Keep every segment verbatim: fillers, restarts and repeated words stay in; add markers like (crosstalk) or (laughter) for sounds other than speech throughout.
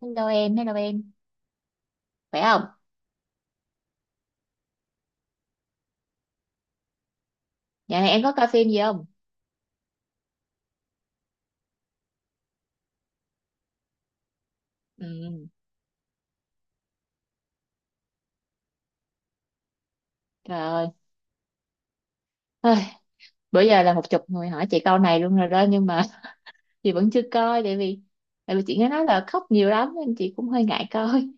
Hello em, hello em. Khỏe không? Dạo này em có coi phim gì không? Ừ, trời ơi. Ôi, bữa giờ là một chục người hỏi chị câu này luôn rồi đó, nhưng mà (laughs) chị vẫn chưa coi, tại vì tại vì chị nghe nói là khóc nhiều lắm nên chị cũng hơi ngại coi.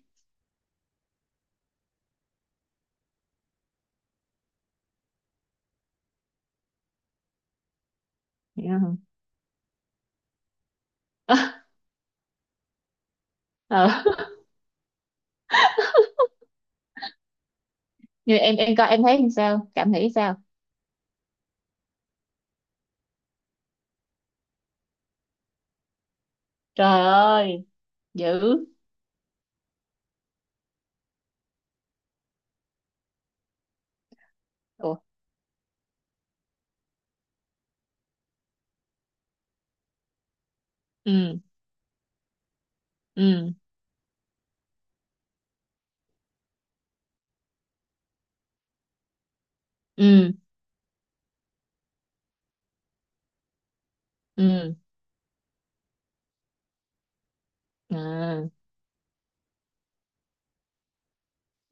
Hiểu không? (laughs) Ờ. Như em em coi em thấy làm sao? Cảm nghĩ sao? Trời ơi, dữ. Ủa. Ừ, ừ, ừ, ừ. À,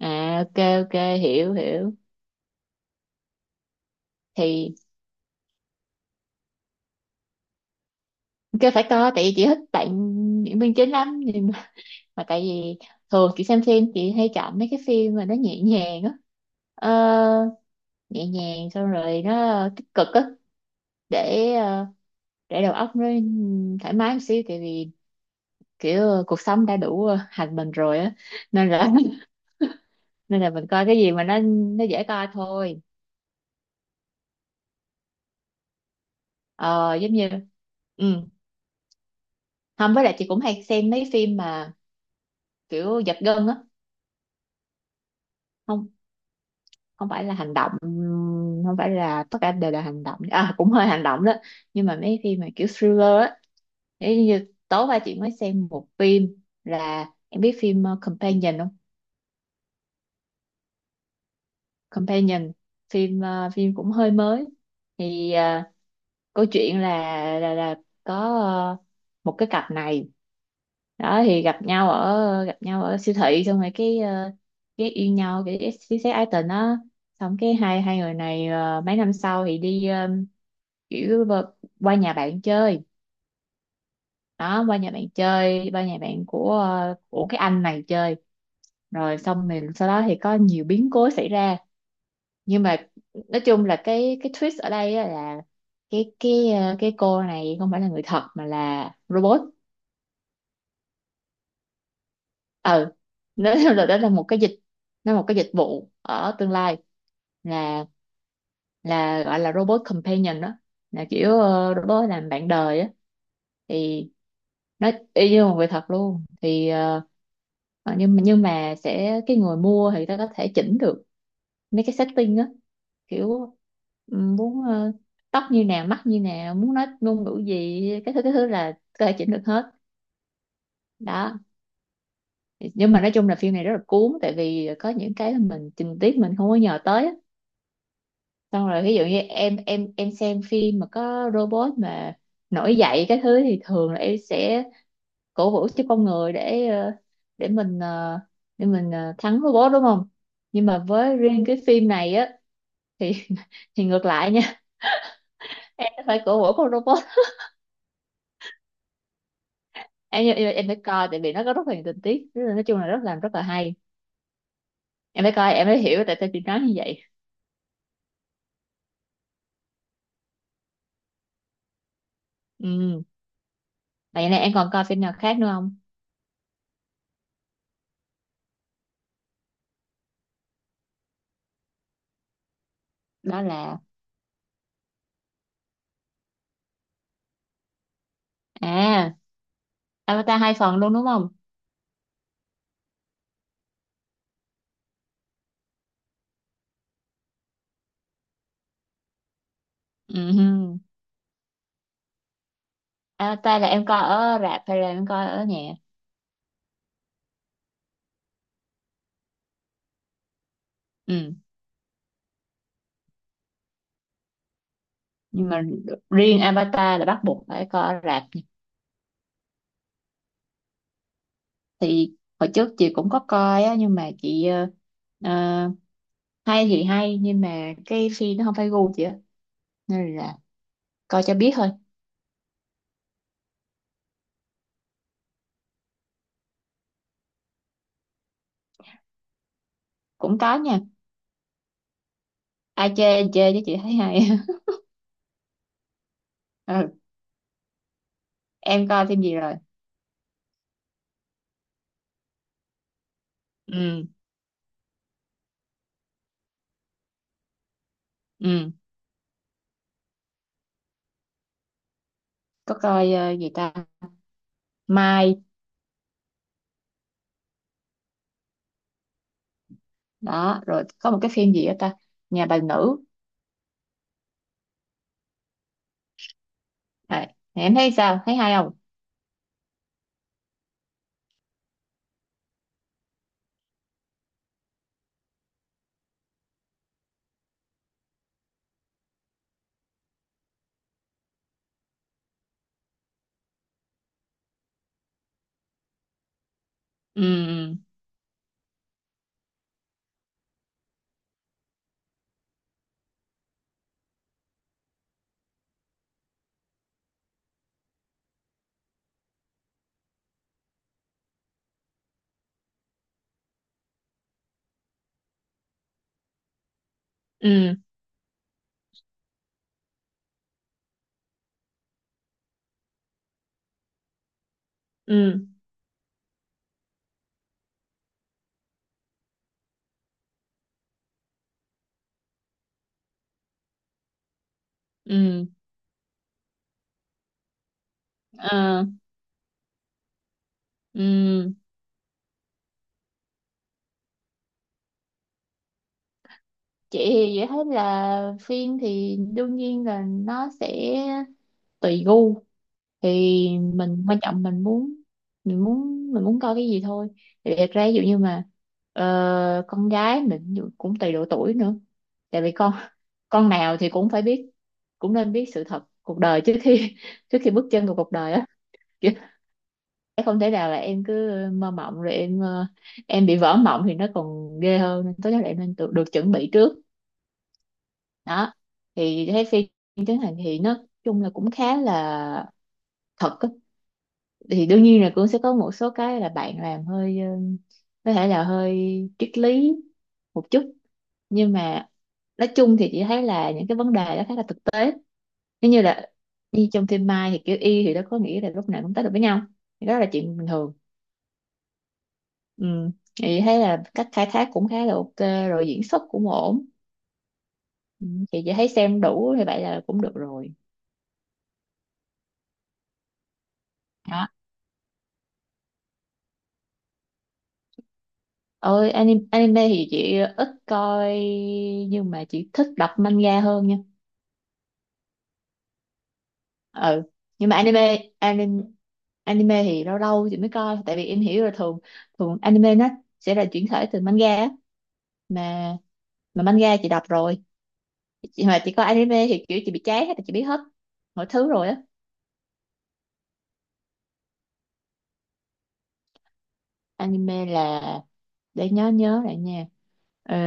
à, ok ok, hiểu hiểu. Thì ok phải coi, tại vì chị thích bạn diễn viên chính lắm, nhưng mà tại vì thường chị xem phim chị hay chọn mấy cái phim mà nó nhẹ nhàng á. Ờ, nhẹ nhàng xong rồi nó tích cực á, để ờ, để đầu óc nó thoải mái một xíu, tại vì kiểu cuộc sống đã đủ hành mình rồi á, nên là (laughs) nên là mình coi cái gì mà nó nó dễ coi thôi. ờ Giống như ừ, không, với lại chị cũng hay xem mấy phim mà kiểu giật gân á. Không, không phải là hành động, không phải là tất cả đều là hành động, à cũng hơi hành động đó, nhưng mà mấy phim mà kiểu thriller á. Thế như tối qua chị mới xem một phim, là em biết phim ờ, Companion không? Companion, phim ờ, phim cũng hơi mới. Thì ờ, câu chuyện là là là có ờ, một cái cặp này đó, thì gặp nhau ở gặp nhau ở siêu thị, xong rồi cái ờ, cái yêu nhau, cái xí xét ái tình á. Xong cái hai hai người này ờ, mấy năm sau thì đi ờ, kiểu bờ- qua nhà bạn chơi, đó qua nhà bạn chơi, qua nhà bạn của ờ, của cái anh này chơi, rồi xong mình sau đó thì có nhiều biến cố xảy ra. Nhưng mà nói chung là cái cái twist ở đây á là cái cái ờ, cái cô này không phải là người thật mà là robot. Ừ, nó (laughs) là đó là một cái dịch, nó là một cái dịch vụ ở tương lai, là là gọi là robot companion đó, là kiểu ờ, robot làm bạn đời á. Thì nó y như một người thật luôn. Thì ờ, ờ, nhưng nhưng mà sẽ cái người mua thì ta có thể chỉnh được mấy cái setting á. Kiểu ừm, muốn ờ, tóc như nào, mắt như nào, muốn nói ngôn ngữ gì, cái thứ cái thứ là có thể chỉnh được hết đó. Nhưng mà nói chung là phim này rất là cuốn, tại vì có những cái là mình tình tiết mình không có nhờ tới á. Xong rồi ví dụ như em em em xem phim mà có robot mà nổi dậy cái thứ, thì thường là em sẽ cổ vũ cho con người, để ờ, để mình ờ, để mình ờ, thắng robot đúng không. Nhưng mà với riêng cái phim này á thì (laughs) thì ngược lại nha. (laughs) Em phải cổ vũ con robot. Em em, em phải coi, tại vì nó có rất là nhiều tình tiết. Rất là- nói chung là rất làm rất là hay. Em phải coi em mới hiểu tại sao chị nói như vậy. Ừ, vậy này em còn coi phim nào khác nữa không? Đó là à Avatar hai phần luôn đúng không? Ừ. Avatar là em coi ở rạp hay là em coi ở nhà? Ừ. Nhưng mà riêng Avatar là bắt buộc phải coi ở rạp. Thì hồi trước chị cũng có coi á, nhưng mà chị ờ, ờ, hay thì hay nhưng mà cái phim nó không phải gu chị á, nên là coi cho biết thôi. Cũng có nha, ai chê thì chê chứ chị thấy hay. (laughs) Ừ. Em coi phim gì rồi? Ừ. Ừ. Có coi ờ, gì ta, Mai. Đó rồi có một cái phim gì đó ta, nhà bà nữ. Đấy. Thế em thấy sao? Thấy hay không? Ừ, ừ, ừ, ừ, ờ, ừ. Chị thì chị thấy là phim thì đương nhiên là nó sẽ tùy gu. Thì mình quan trọng mình muốn mình muốn mình muốn coi cái gì thôi. Thì thật ra ví dụ như mà ờ, con gái mình ví dụ cũng tùy độ tuổi nữa. Tại vì con con nào thì cũng phải biết, cũng nên biết sự thật cuộc đời trước khi trước khi bước chân vào cuộc đời á. Không thể nào là em cứ mơ mộng rồi em ờ, em bị vỡ mộng thì nó còn ghê hơn, nên tốt nhất là em nên được, được chuẩn bị trước đó. Thì thấy phim Trấn Thành thì nó chung là cũng khá là thật á. Thì đương nhiên là cũng sẽ có một số cái là bạn làm hơi ờ, có thể là hơi triết lý một chút, nhưng mà nói chung thì chị thấy là những cái vấn đề đó khá là thực tế. Nếu như là như trong phim Mai, thì kiểu y thì nó có nghĩa là lúc nào cũng tới được với nhau thì đó là chuyện bình thường. Ừ. Chị thấy là cách khai thác cũng khá là ok, rồi diễn xuất cũng ổn. Ừ. Chị chỉ thấy xem đủ thì vậy là cũng được rồi đó. Ôi, anime, anime thì chị ít coi, nhưng mà chị thích đọc manga hơn nha. Ừ, nhưng mà anime anime anime thì lâu lâu chị mới coi, tại vì em hiểu là thường thường anime nó sẽ là chuyển thể từ manga á. mà mà manga chị đọc rồi, chị mà chị coi anime thì kiểu chị bị chán hết, chị biết hết mọi thứ rồi á. Anime là để nhớ nhớ lại nha. Ờ,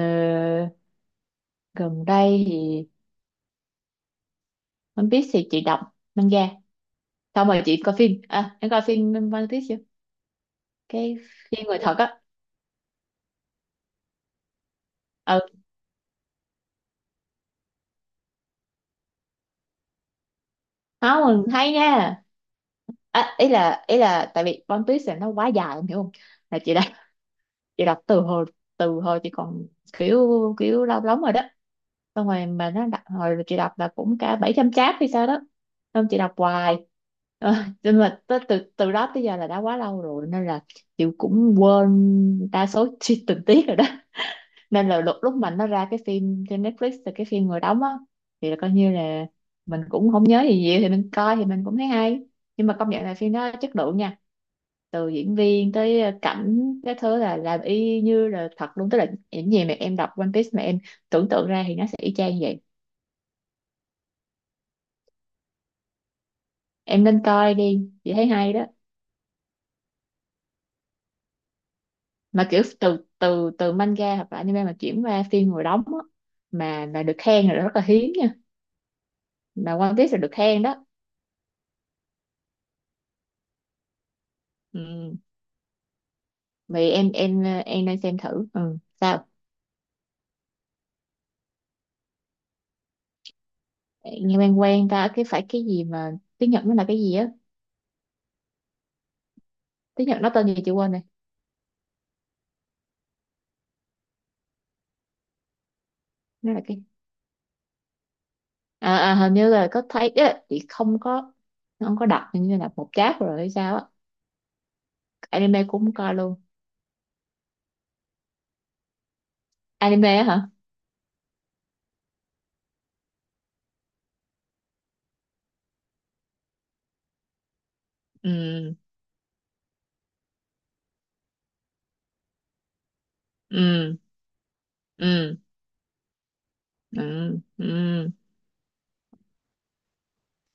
gần đây thì One Piece thì chị đọc manga, xong rồi chị coi phim, à em coi phim One Piece chưa, cái phim người thật á. Ừ, không mình hay nha. À, ý là ý là tại vì One Piece là nó quá dài em hiểu không, là chị vậy là từ hồi từ hồi chị còn kiểu kiểu lâu lắm rồi đó. Xong rồi mà nó đặt hồi chị đọc là cũng cả bảy trăm chat hay sao đó, xong chị đọc hoài. Ờ, nhưng mà tới từ từ đó tới giờ là đã quá lâu rồi nên là chị cũng quên đa số chi (laughs) tình tiết rồi đó. Nên là lúc lúc mà nó ra cái phim trên Netflix là cái phim người đóng á thì là coi như là mình cũng không nhớ gì nhiều, thì mình coi thì mình cũng thấy hay. Nhưng mà công nhận là phim đó chất lượng nha. Từ diễn viên tới ờ, cảnh cái thứ là làm y như là thật luôn, tức là những gì mà em đọc One Piece mà em tưởng tượng ra thì nó sẽ y chang vậy. Em nên coi đi, chị thấy hay đó. Mà kiểu từ từ từ manga hoặc là anime mà chuyển qua phim ngồi đóng á, mà mà được khen là rất là hiếm nha. Mà One Piece là được khen đó. Ừ. Vì em em ờ, em nên xem thử ừ sao. Nghe quen quen ta, cái phải cái gì mà tiếng Nhật nó là cái gì á. Tiếng Nhật nó tên gì chị quên rồi. Nó là cái, à, à, hình như là có thấy ấy, chị không có không có đọc, hình như là một cháp rồi hay sao á. Anime cũng không coi luôn. Anime á hả. Ừ, ừ, ừ, ừ, ừ.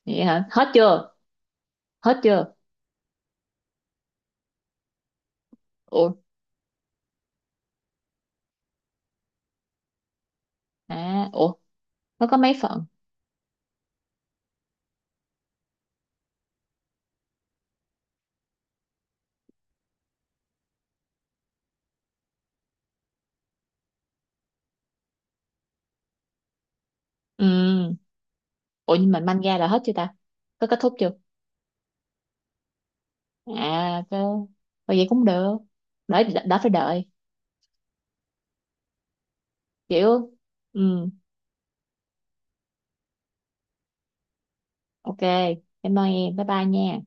Vậy hả, hết chưa? Hết chưa? Ủa. À ủa, nó có mấy phần? Ừ. Ủa nhưng mà manga là hết chưa ta? Có kết thúc chưa? À cơ, vậy cũng được. Đợi đã, phải đợi kiểu, ừ, ok. Cảm ơn em, bye bye nha.